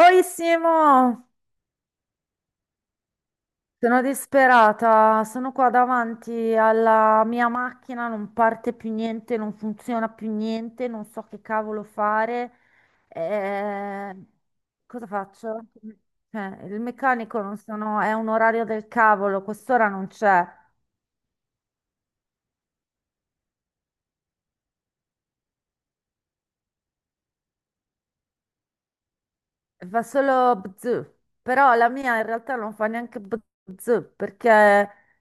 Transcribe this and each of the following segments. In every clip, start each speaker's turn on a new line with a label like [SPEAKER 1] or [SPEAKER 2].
[SPEAKER 1] Oi Simo, sono disperata, sono qua davanti alla mia macchina, non parte più niente, non funziona più niente, non so che cavolo fare. Eh, cosa faccio? Cioè, il meccanico non sono, è un orario del cavolo, quest'ora non c'è. Fa solo bzz, però la mia in realtà non fa neanche bzz perché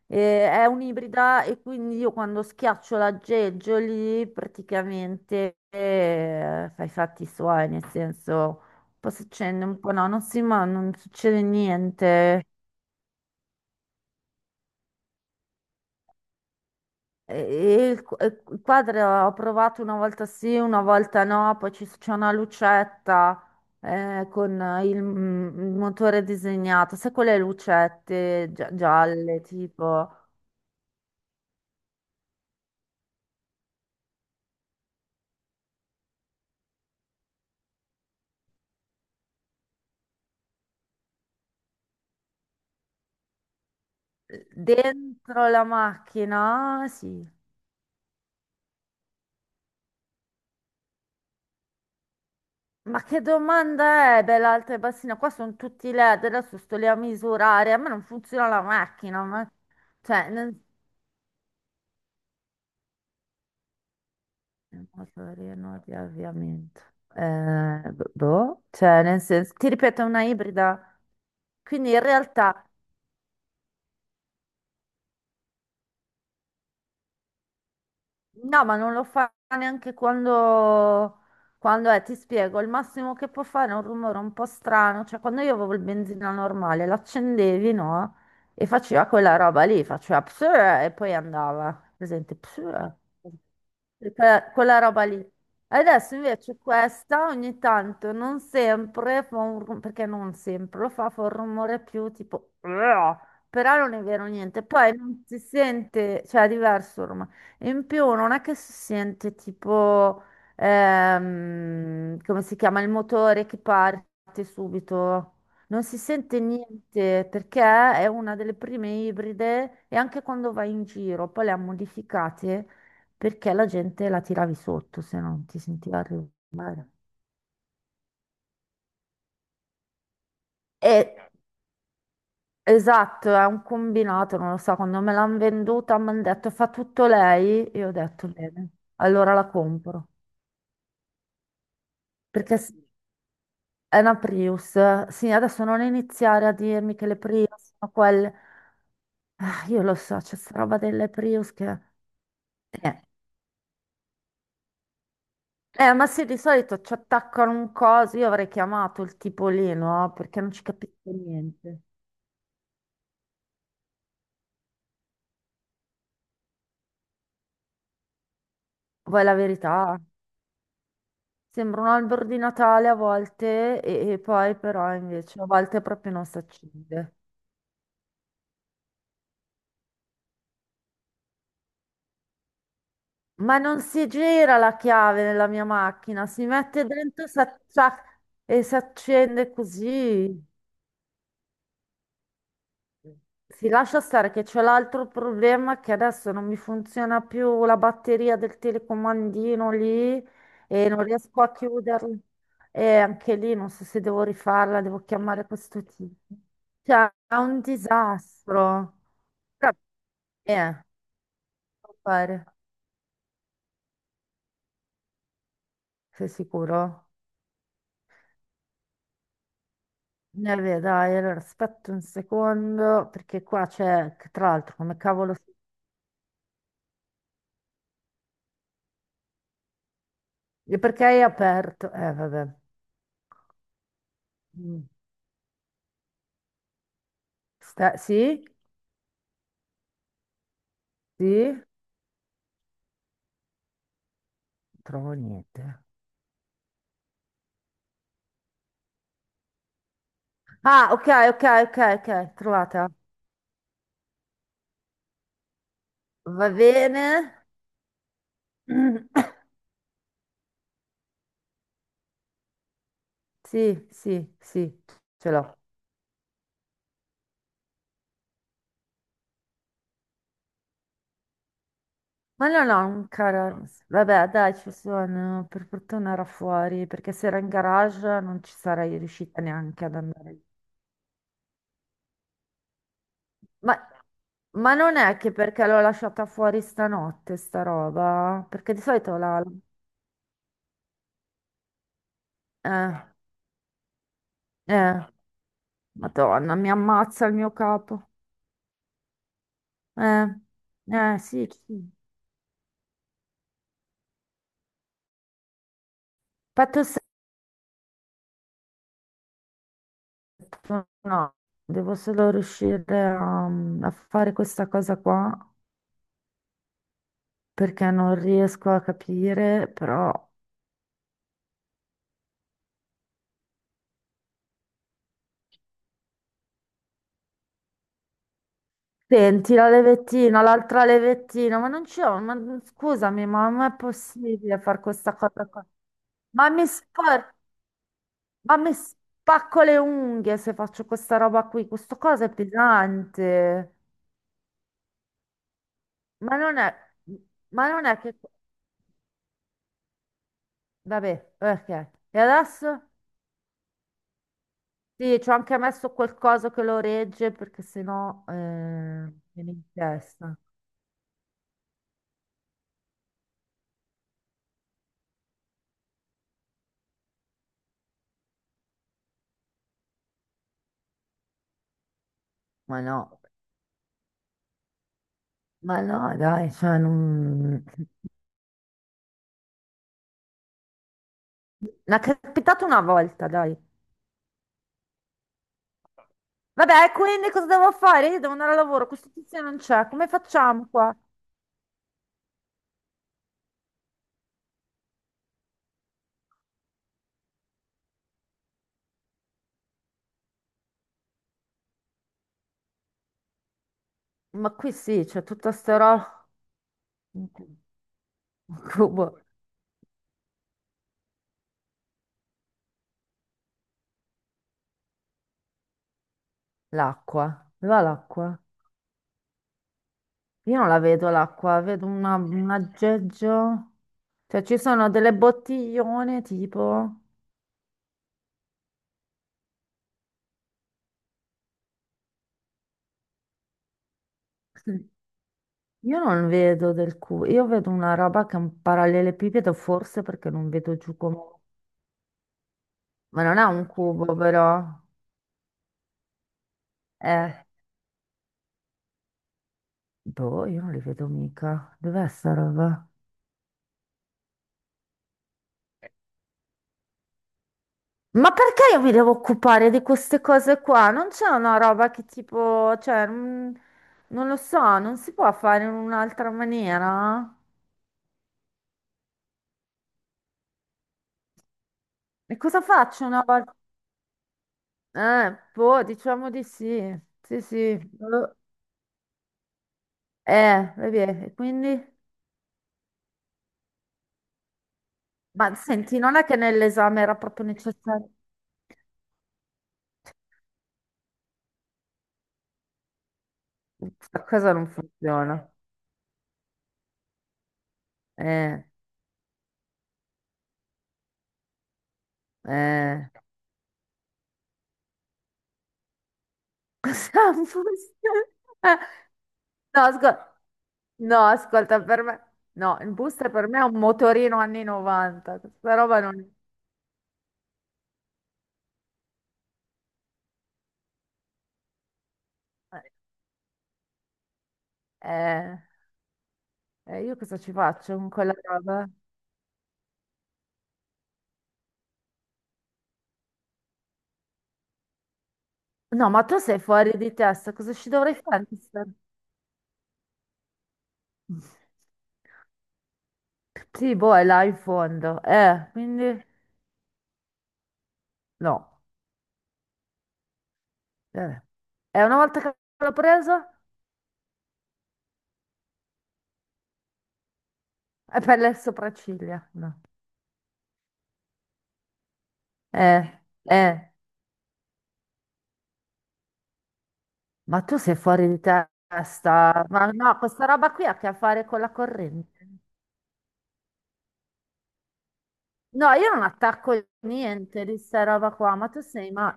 [SPEAKER 1] è un'ibrida e quindi io quando schiaccio l'aggeggio lì praticamente fa i fatti suoi, nel senso un po' si accende, un po' no, non si, ma non succede niente. E il quadro ho provato una volta sì, una volta no, poi c'è una lucetta con il, il motore disegnato, sai quelle lucette gialle tipo dentro la macchina? Sì. Ma che domanda è, bella alta e bassina? Qua sono tutti LED, adesso sto lì a misurare, a me non funziona la macchina, ma... cioè, motorino di avviamento. Eh, boh, cioè nel senso, ti ripeto, è una ibrida. Quindi in realtà no, ma non lo fa neanche quando, quando è, ti spiego, il massimo che può fare è un rumore un po' strano, cioè quando io avevo il benzina normale, l'accendevi, no? E faceva quella roba lì, faceva pss, e poi andava, presente, pss, e quella roba lì. Adesso invece questa ogni tanto, non sempre, fa un perché non sempre, lo fa, fa un rumore più tipo, "Uah", però non è vero niente, poi non si sente, cioè è diverso il rumore e in più non è che si sente tipo, come si chiama, il motore che parte subito. Non si sente niente perché è una delle prime ibride e anche quando vai in giro poi le ha modificate perché la gente la tiravi sotto se non ti sentiva arrivare. E, esatto, è un combinato, non lo so, quando me l'hanno venduta mi hanno detto fa tutto lei e io ho detto bene, allora la compro perché è una Prius. Sì, adesso non iniziare a dirmi che le Prius sono quelle. Ah, io lo so, c'è sta roba delle Prius che... Eh. Ma sì, di solito ci attaccano un coso. Io avrei chiamato il tipo lì, no? Perché non ci capisco niente. Poi la verità, sembra un albero di Natale a volte e poi però invece a volte proprio non si accende. Ma non si gira la chiave nella mia macchina, si mette dentro e si accende così. Si lascia stare che c'è l'altro problema che adesso non mi funziona più la batteria del telecomandino lì e non riesco a chiuderla. E anche lì non so se devo rifarla, devo chiamare questo tipo. Cioè, è un disastro. Però, eh, devo fare. Sei sicuro? Ne vedi, dai, allora aspetta un secondo perché qua c'è, che tra l'altro, come cavolo... si- E perché hai aperto? Vabbè. Mm. Sì? Sì? Trovo niente. Ah, ok, ok, ok, ok, trovata. Va bene. Sì, sì, sì, ce l'ho. Ma no, no, un cara... Vabbè, dai, ci sono. Per fortuna era fuori, perché se era in garage non ci sarei riuscita neanche ad andare. Ma, ma non è che perché l'ho lasciata fuori stanotte, sta roba? Perché di solito la... Eh, eh, Madonna, mi ammazza il mio capo. Eh, sì, sì. Fatto. No, devo solo riuscire a, a fare questa cosa qua perché non riesco a capire, però... Senti, la levettina, l'altra levettina, ma non c'è... Ma, scusami, ma non è possibile fare questa cosa qua? Ma mi, spar- ma mi spacco le unghie se faccio questa roba qui. Questo coso è pesante. Ma non è... Ma non è che... Vabbè, ok. E adesso? Sì, ci ho anche messo quel coso che lo regge perché sennò viene in testa. Ma no, ma no, dai, cioè non... Mi è capitato una volta, dai. Vabbè, quindi cosa devo fare? Io devo andare al lavoro, questo tizio non c'è, come facciamo qua? Ma qui sì, c'è tutta sta roba. Un cu- un cubo. L'acqua, dove va l'acqua? Io non la vedo l'acqua, vedo un aggeggio. Cioè ci sono delle bottiglione tipo... Io non vedo del cubo, io vedo una roba che è un parallelepipedo, forse perché non vedo giù come... Ma non è un cubo, però. Eh, boh, io non li vedo mica. Dov'è sta roba? Ma perché io mi devo occupare di queste cose qua? Non c'è una roba che tipo, cioè, non lo so, non si può fare in un'altra maniera? E cosa faccio una volta? Boh, diciamo di sì. Sì, sì. Vedi, e quindi? Ma senti, non è che nell'esame era proprio necessario? Questa cosa non funziona. Eh, eh, cosa non funziona? No, ascolta, no, ascolta, per me, no, il booster per me è un motorino anni 90, questa roba non... Eh, io cosa ci faccio con quella roba? No, ma tu sei fuori di testa, cosa ci dovrei fare? Sì, boh, è là in fondo, quindi no. Eh. E una volta che l'ho preso, è per le sopracciglia. No. Eh, eh, ma tu sei fuori di testa. Ma no, questa roba qui ha a che fare con la corrente. No, io non attacco niente di sta roba qua, ma tu sei, ma...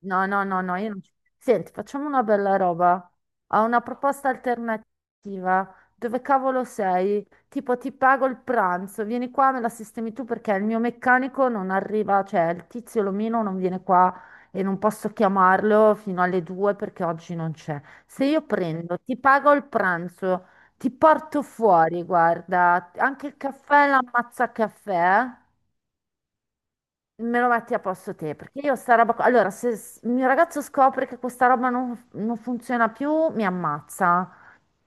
[SPEAKER 1] No, no, no, no, io non... ci- Senti, facciamo una bella roba. Ho una proposta alternativa. Dove cavolo sei? Tipo, ti pago il pranzo, vieni qua, me la sistemi tu perché il mio meccanico non arriva, cioè il tizio Lomino non viene qua e non posso chiamarlo fino alle due perché oggi non c'è. Se io prendo, ti pago il pranzo, ti porto fuori, guarda, anche il caffè, l'ammazza caffè. Eh. Me lo metti a posto te, perché io sta roba... qua- Allora, se il mio ragazzo scopre che questa roba non, non funziona più, mi ammazza.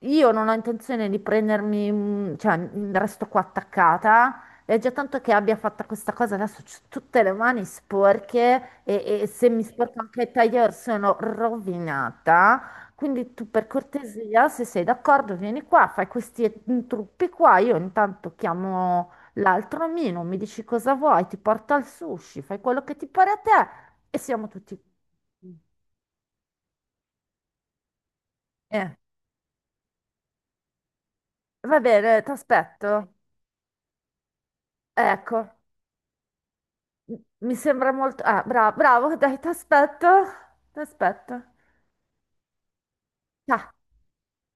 [SPEAKER 1] Io non ho intenzione di prendermi, un- cioè, m, resto qua attaccata. E già tanto che abbia fatto questa cosa, adesso ho tutte le mani sporche e se mi sporco anche il tailleur sono rovinata. Quindi tu per cortesia, se sei d'accordo, vieni qua, fai questi trucchi qua. Io intanto chiamo... L'altro Mino mi dici cosa vuoi, ti porta al sushi, fai quello che ti pare a te e siamo tutti qui. Eh, va bene, ti aspetto. Ecco, mi sembra molto... Ah, bravo, bravo, dai, ti aspetto. Ti aspetto. Ciao.